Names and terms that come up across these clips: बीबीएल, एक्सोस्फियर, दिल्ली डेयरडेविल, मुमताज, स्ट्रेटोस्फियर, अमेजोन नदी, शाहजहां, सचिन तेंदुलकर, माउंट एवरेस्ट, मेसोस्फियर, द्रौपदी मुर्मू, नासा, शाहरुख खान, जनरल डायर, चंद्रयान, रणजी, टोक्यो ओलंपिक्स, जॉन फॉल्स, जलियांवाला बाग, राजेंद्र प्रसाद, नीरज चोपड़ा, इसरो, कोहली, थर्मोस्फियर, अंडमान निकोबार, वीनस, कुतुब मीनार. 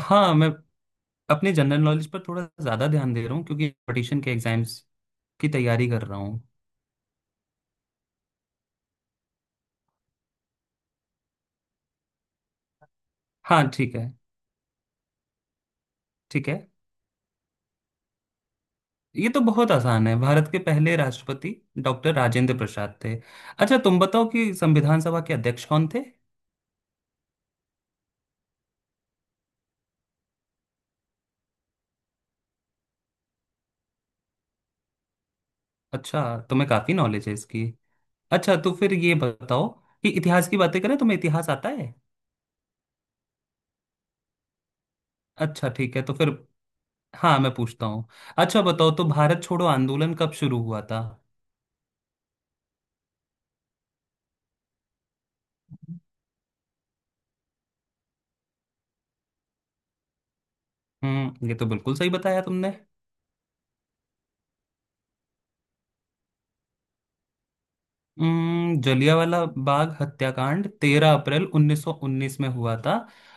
हाँ मैं अपने जनरल नॉलेज पर थोड़ा ज्यादा ध्यान दे रहा हूँ क्योंकि कंपटीशन के एग्जाम्स की तैयारी कर रहा हूँ। हाँ ठीक है। ठीक है। ये तो बहुत आसान है। भारत के पहले राष्ट्रपति डॉक्टर राजेंद्र प्रसाद थे। अच्छा तुम बताओ कि संविधान सभा के अध्यक्ष कौन थे। अच्छा तुम्हें काफी नॉलेज है इसकी। अच्छा तो फिर ये बताओ कि इतिहास की बातें करें। तुम्हें इतिहास आता है। अच्छा ठीक है तो फिर हाँ मैं पूछता हूँ। अच्छा बताओ तो भारत छोड़ो आंदोलन कब शुरू हुआ था। ये तो बिल्कुल सही बताया तुमने। जलियांवाला बाग हत्याकांड 13 अप्रैल 1919 में हुआ था।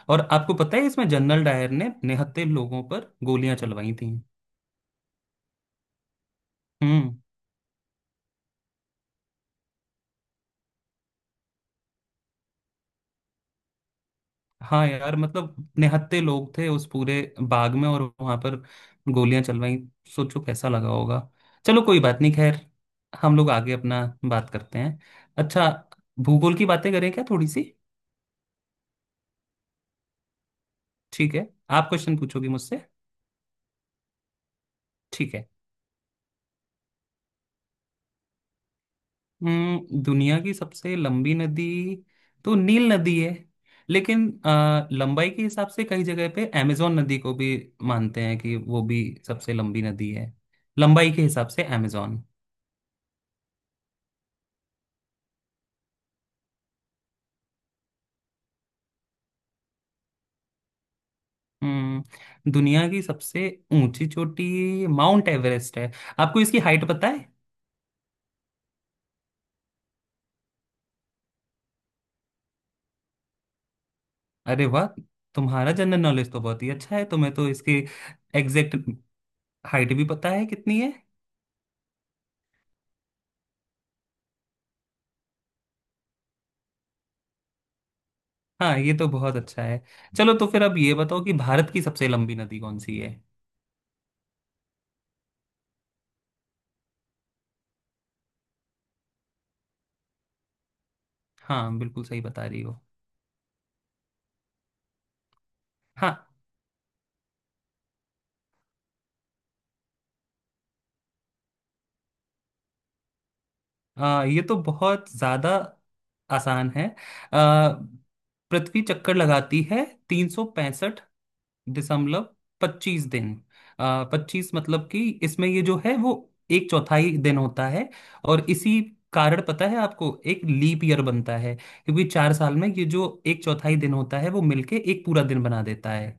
और आपको पता है इसमें जनरल डायर ने निहत्थे लोगों पर गोलियां चलवाई थी। हम्म। हाँ यार मतलब निहत्थे लोग थे उस पूरे बाग में और वहां पर गोलियां चलवाई। सोचो कैसा लगा होगा। चलो कोई बात नहीं खैर। हम लोग आगे अपना बात करते हैं। अच्छा भूगोल की बातें करें क्या थोड़ी सी। ठीक है आप क्वेश्चन पूछोगी मुझसे। ठीक है। दुनिया की सबसे लंबी नदी तो नील नदी है। लेकिन लंबाई के हिसाब से कई जगह पे अमेजोन नदी को भी मानते हैं कि वो भी सबसे लंबी नदी है। लंबाई के हिसाब से अमेजोन। दुनिया की सबसे ऊंची चोटी माउंट एवरेस्ट है। आपको इसकी हाइट पता है। अरे वाह। तुम्हारा जनरल नॉलेज तो बहुत ही अच्छा है। तुम्हें तो इसकी एग्जैक्ट हाइट भी पता है कितनी है। हाँ ये तो बहुत अच्छा है। चलो तो फिर अब ये बताओ कि भारत की सबसे लंबी नदी कौन सी है। हाँ बिल्कुल सही बता रही हो। हाँ ये तो बहुत ज्यादा आसान है। आ, पृथ्वी चक्कर लगाती है 365.25 दिन। पच्चीस मतलब कि इसमें ये जो है वो एक चौथाई दिन होता है। और इसी कारण पता है आपको एक लीप ईयर बनता है क्योंकि 4 साल में ये जो एक चौथाई दिन होता है वो मिलके एक पूरा दिन बना देता है।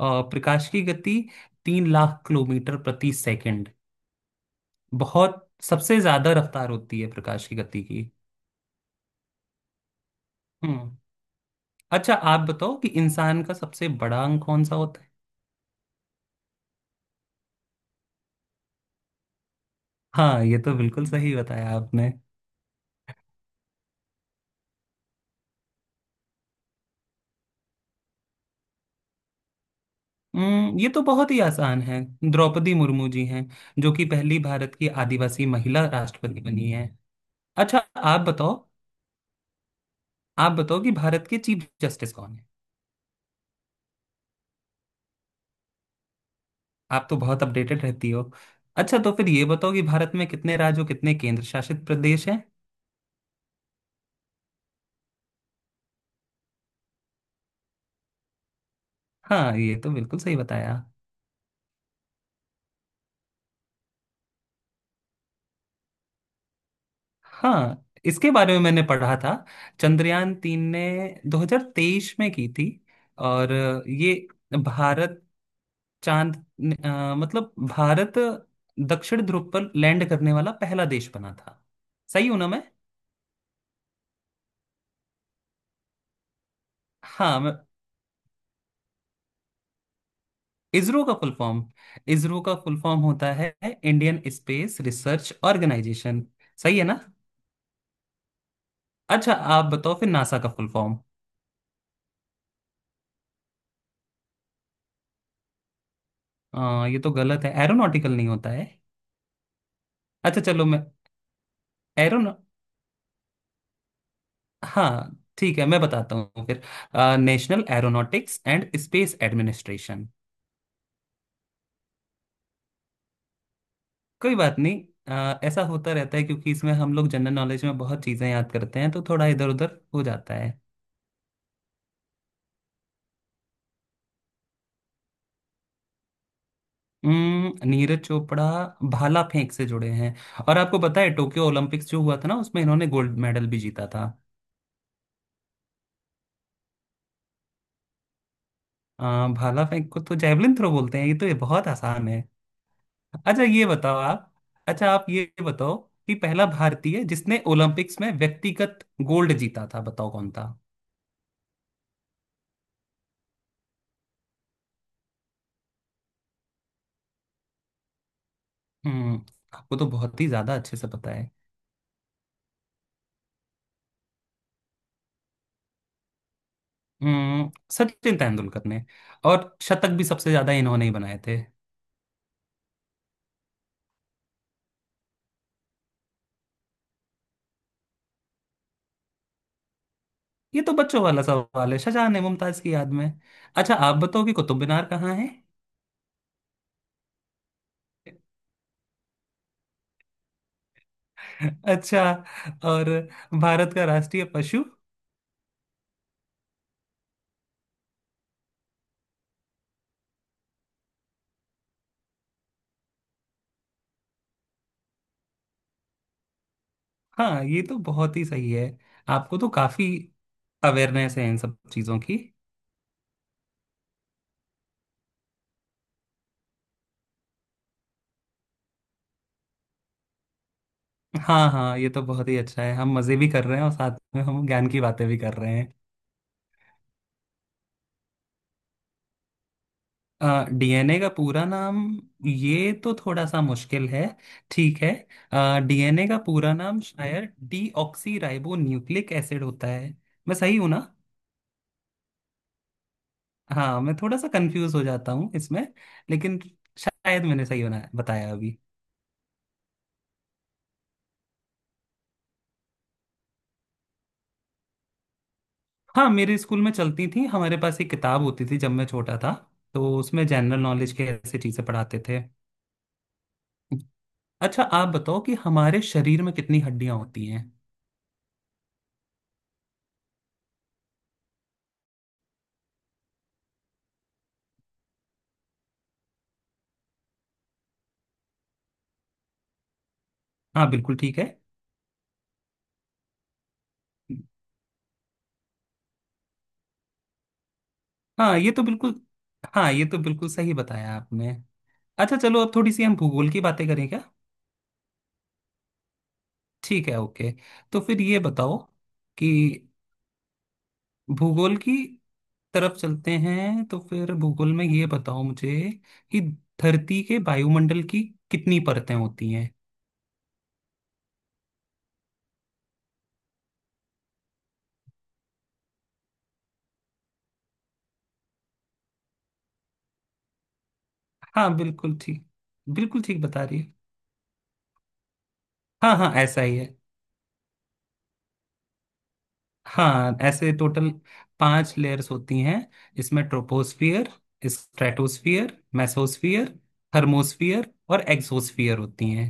प्रकाश की गति 3 लाख किलोमीटर प्रति सेकंड। बहुत सबसे ज्यादा रफ्तार होती है प्रकाश की गति की। हम्म। अच्छा आप बताओ कि इंसान का सबसे बड़ा अंग कौन सा होता है। हाँ ये तो बिल्कुल सही बताया आपने। ये तो बहुत ही आसान है। द्रौपदी मुर्मू जी हैं जो कि पहली भारत की आदिवासी महिला राष्ट्रपति बनी है। अच्छा आप बताओ आप बताओ कि भारत के चीफ जस्टिस कौन है। आप तो बहुत अपडेटेड रहती हो। अच्छा तो फिर ये बताओ कि भारत में कितने राज्य और कितने केंद्र शासित प्रदेश हैं। हाँ ये तो बिल्कुल सही बताया। हाँ इसके बारे में मैंने पढ़ा था। चंद्रयान तीन ने 2023 में की थी। और ये भारत चांद मतलब भारत दक्षिण ध्रुव पर लैंड करने वाला पहला देश बना था। सही हूं ना मैं। हाँ मैं इसरो का फुल फॉर्म। इसरो का फुल फॉर्म होता है इंडियन स्पेस रिसर्च ऑर्गेनाइजेशन। सही है ना। अच्छा आप बताओ फिर नासा का फुल फॉर्म। ये तो गलत है एरोनॉटिकल नहीं होता है। अच्छा चलो मैं एरोन हाँ ठीक है मैं बताता हूँ फिर। National aeronautics and space administration. कोई बात नहीं। ऐसा होता रहता है क्योंकि इसमें हम लोग जनरल नॉलेज में बहुत चीजें याद करते हैं तो थोड़ा इधर उधर हो जाता है। नीरज चोपड़ा भाला फेंक से जुड़े हैं। और आपको पता है टोक्यो ओलंपिक्स जो हुआ था ना उसमें इन्होंने गोल्ड मेडल भी जीता था। अ, भाला फेंक को तो जैवलिन थ्रो बोलते हैं। ये तो ये बहुत आसान है। अच्छा ये बताओ आप। अच्छा आप ये बताओ कि पहला भारतीय जिसने ओलंपिक्स में व्यक्तिगत गोल्ड जीता था बताओ कौन था। हम्म। आपको तो बहुत ही ज्यादा अच्छे से पता है। सचिन तेंदुलकर ने। और शतक भी सबसे ज्यादा इन्होंने ही बनाए थे। ये तो बच्चों वाला सवाल है। शाहजहां ने मुमताज की याद में। अच्छा आप बताओ कि कुतुब मीनार कहाँ है। अच्छा। और भारत का राष्ट्रीय पशु। हाँ ये तो बहुत ही सही है। आपको तो काफी अवेयरनेस है इन सब चीजों की। हाँ हाँ ये तो बहुत ही अच्छा है। हम मजे भी कर रहे हैं और साथ में हम ज्ञान की बातें भी कर रहे हैं। डीएनए का पूरा नाम। ये तो थोड़ा सा मुश्किल है। ठीक है। डीएनए का पूरा नाम शायद डीऑक्सी राइबो न्यूक्लिक एसिड होता है। मैं सही हूं ना। हाँ मैं थोड़ा सा कंफ्यूज हो जाता हूँ इसमें। लेकिन शायद मैंने सही बना बताया अभी। हाँ मेरे स्कूल में चलती थी। हमारे पास एक किताब होती थी जब मैं छोटा था तो उसमें जनरल नॉलेज के ऐसी चीजें पढ़ाते थे। अच्छा आप बताओ कि हमारे शरीर में कितनी हड्डियां होती हैं। हाँ बिल्कुल ठीक है। हाँ ये तो बिल्कुल हाँ ये तो बिल्कुल सही बताया आपने। अच्छा चलो अब थोड़ी सी हम भूगोल की बातें करें क्या। ठीक है ओके। तो फिर ये बताओ कि भूगोल की तरफ चलते हैं। तो फिर भूगोल में ये बताओ मुझे कि धरती के वायुमंडल की कितनी परतें होती हैं। हाँ बिल्कुल ठीक। बिल्कुल ठीक बता रही है। हाँ हाँ ऐसा ही है। हाँ ऐसे टोटल पांच लेयर्स होती हैं। इसमें ट्रोपोस्फियर स्ट्रेटोस्फियर मेसोस्फियर थर्मोस्फियर और एक्सोस्फियर होती हैं।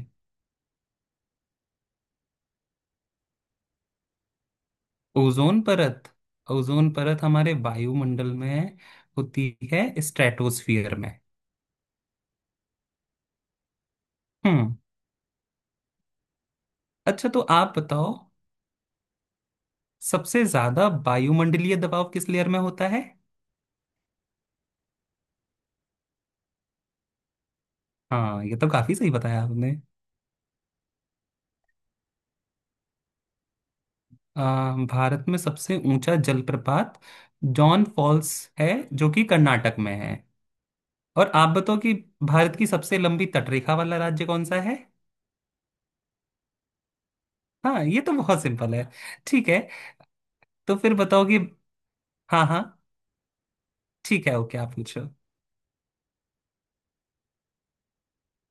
ओजोन परत। ओजोन परत हमारे वायुमंडल में होती है स्ट्रेटोस्फियर में। हम्म। अच्छा तो आप बताओ सबसे ज्यादा वायुमंडलीय दबाव किस लेयर में होता है। हाँ ये तो काफी सही बताया आपने। भारत में सबसे ऊंचा जलप्रपात जॉन फॉल्स है जो कि कर्नाटक में है। और आप बताओ कि भारत की सबसे लंबी तटरेखा वाला राज्य कौन सा है। हाँ ये तो बहुत सिंपल है। ठीक है। तो फिर बताओ कि हाँ हाँ ठीक है ओके आप पूछो।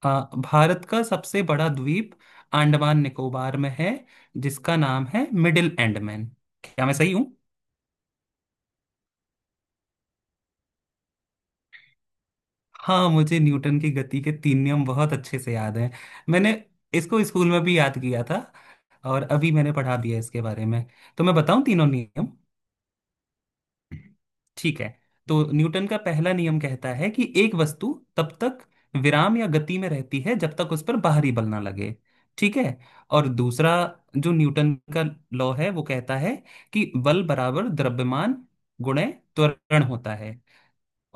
भारत का सबसे बड़ा द्वीप अंडमान निकोबार में है जिसका नाम है मिडिल एंडमैन। क्या मैं सही हूँ। हाँ मुझे न्यूटन की गति के तीन नियम बहुत अच्छे से याद हैं। मैंने इसको स्कूल में भी याद किया था और अभी मैंने पढ़ा दिया इसके बारे में। तो मैं बताऊं तीनों नियम। ठीक है। तो न्यूटन का पहला नियम कहता है कि एक वस्तु तब तक विराम या गति में रहती है जब तक उस पर बाहरी बल ना लगे। ठीक है। और दूसरा जो न्यूटन का लॉ है वो कहता है कि बल बराबर द्रव्यमान गुणे त्वरण होता है।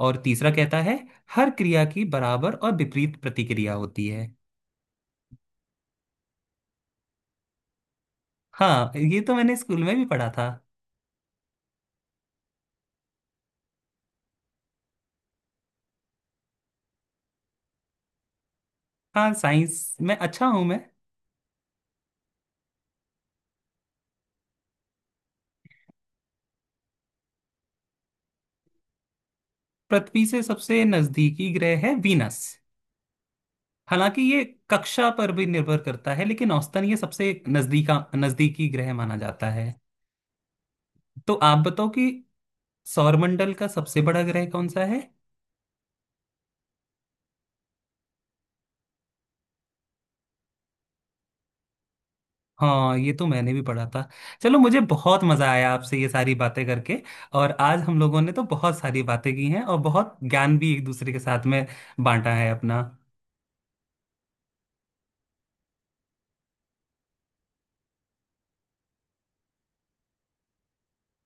और तीसरा कहता है हर क्रिया की बराबर और विपरीत प्रतिक्रिया होती है। हाँ ये तो मैंने स्कूल में भी पढ़ा था। हाँ साइंस में अच्छा हूं मैं। पृथ्वी से सबसे नजदीकी ग्रह है वीनस। हालांकि ये कक्षा पर भी निर्भर करता है लेकिन औसतन ये सबसे नजदीका नजदीकी ग्रह माना जाता है। तो आप बताओ कि सौरमंडल का सबसे बड़ा ग्रह कौन सा है। हाँ ये तो मैंने भी पढ़ा था। चलो मुझे बहुत मजा आया आपसे ये सारी बातें करके। और आज हम लोगों ने तो बहुत सारी बातें की हैं और बहुत ज्ञान भी एक दूसरे के साथ में बांटा है अपना।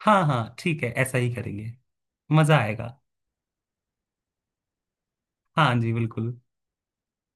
हाँ हाँ ठीक है ऐसा ही करेंगे। मजा आएगा। हाँ जी बिल्कुल।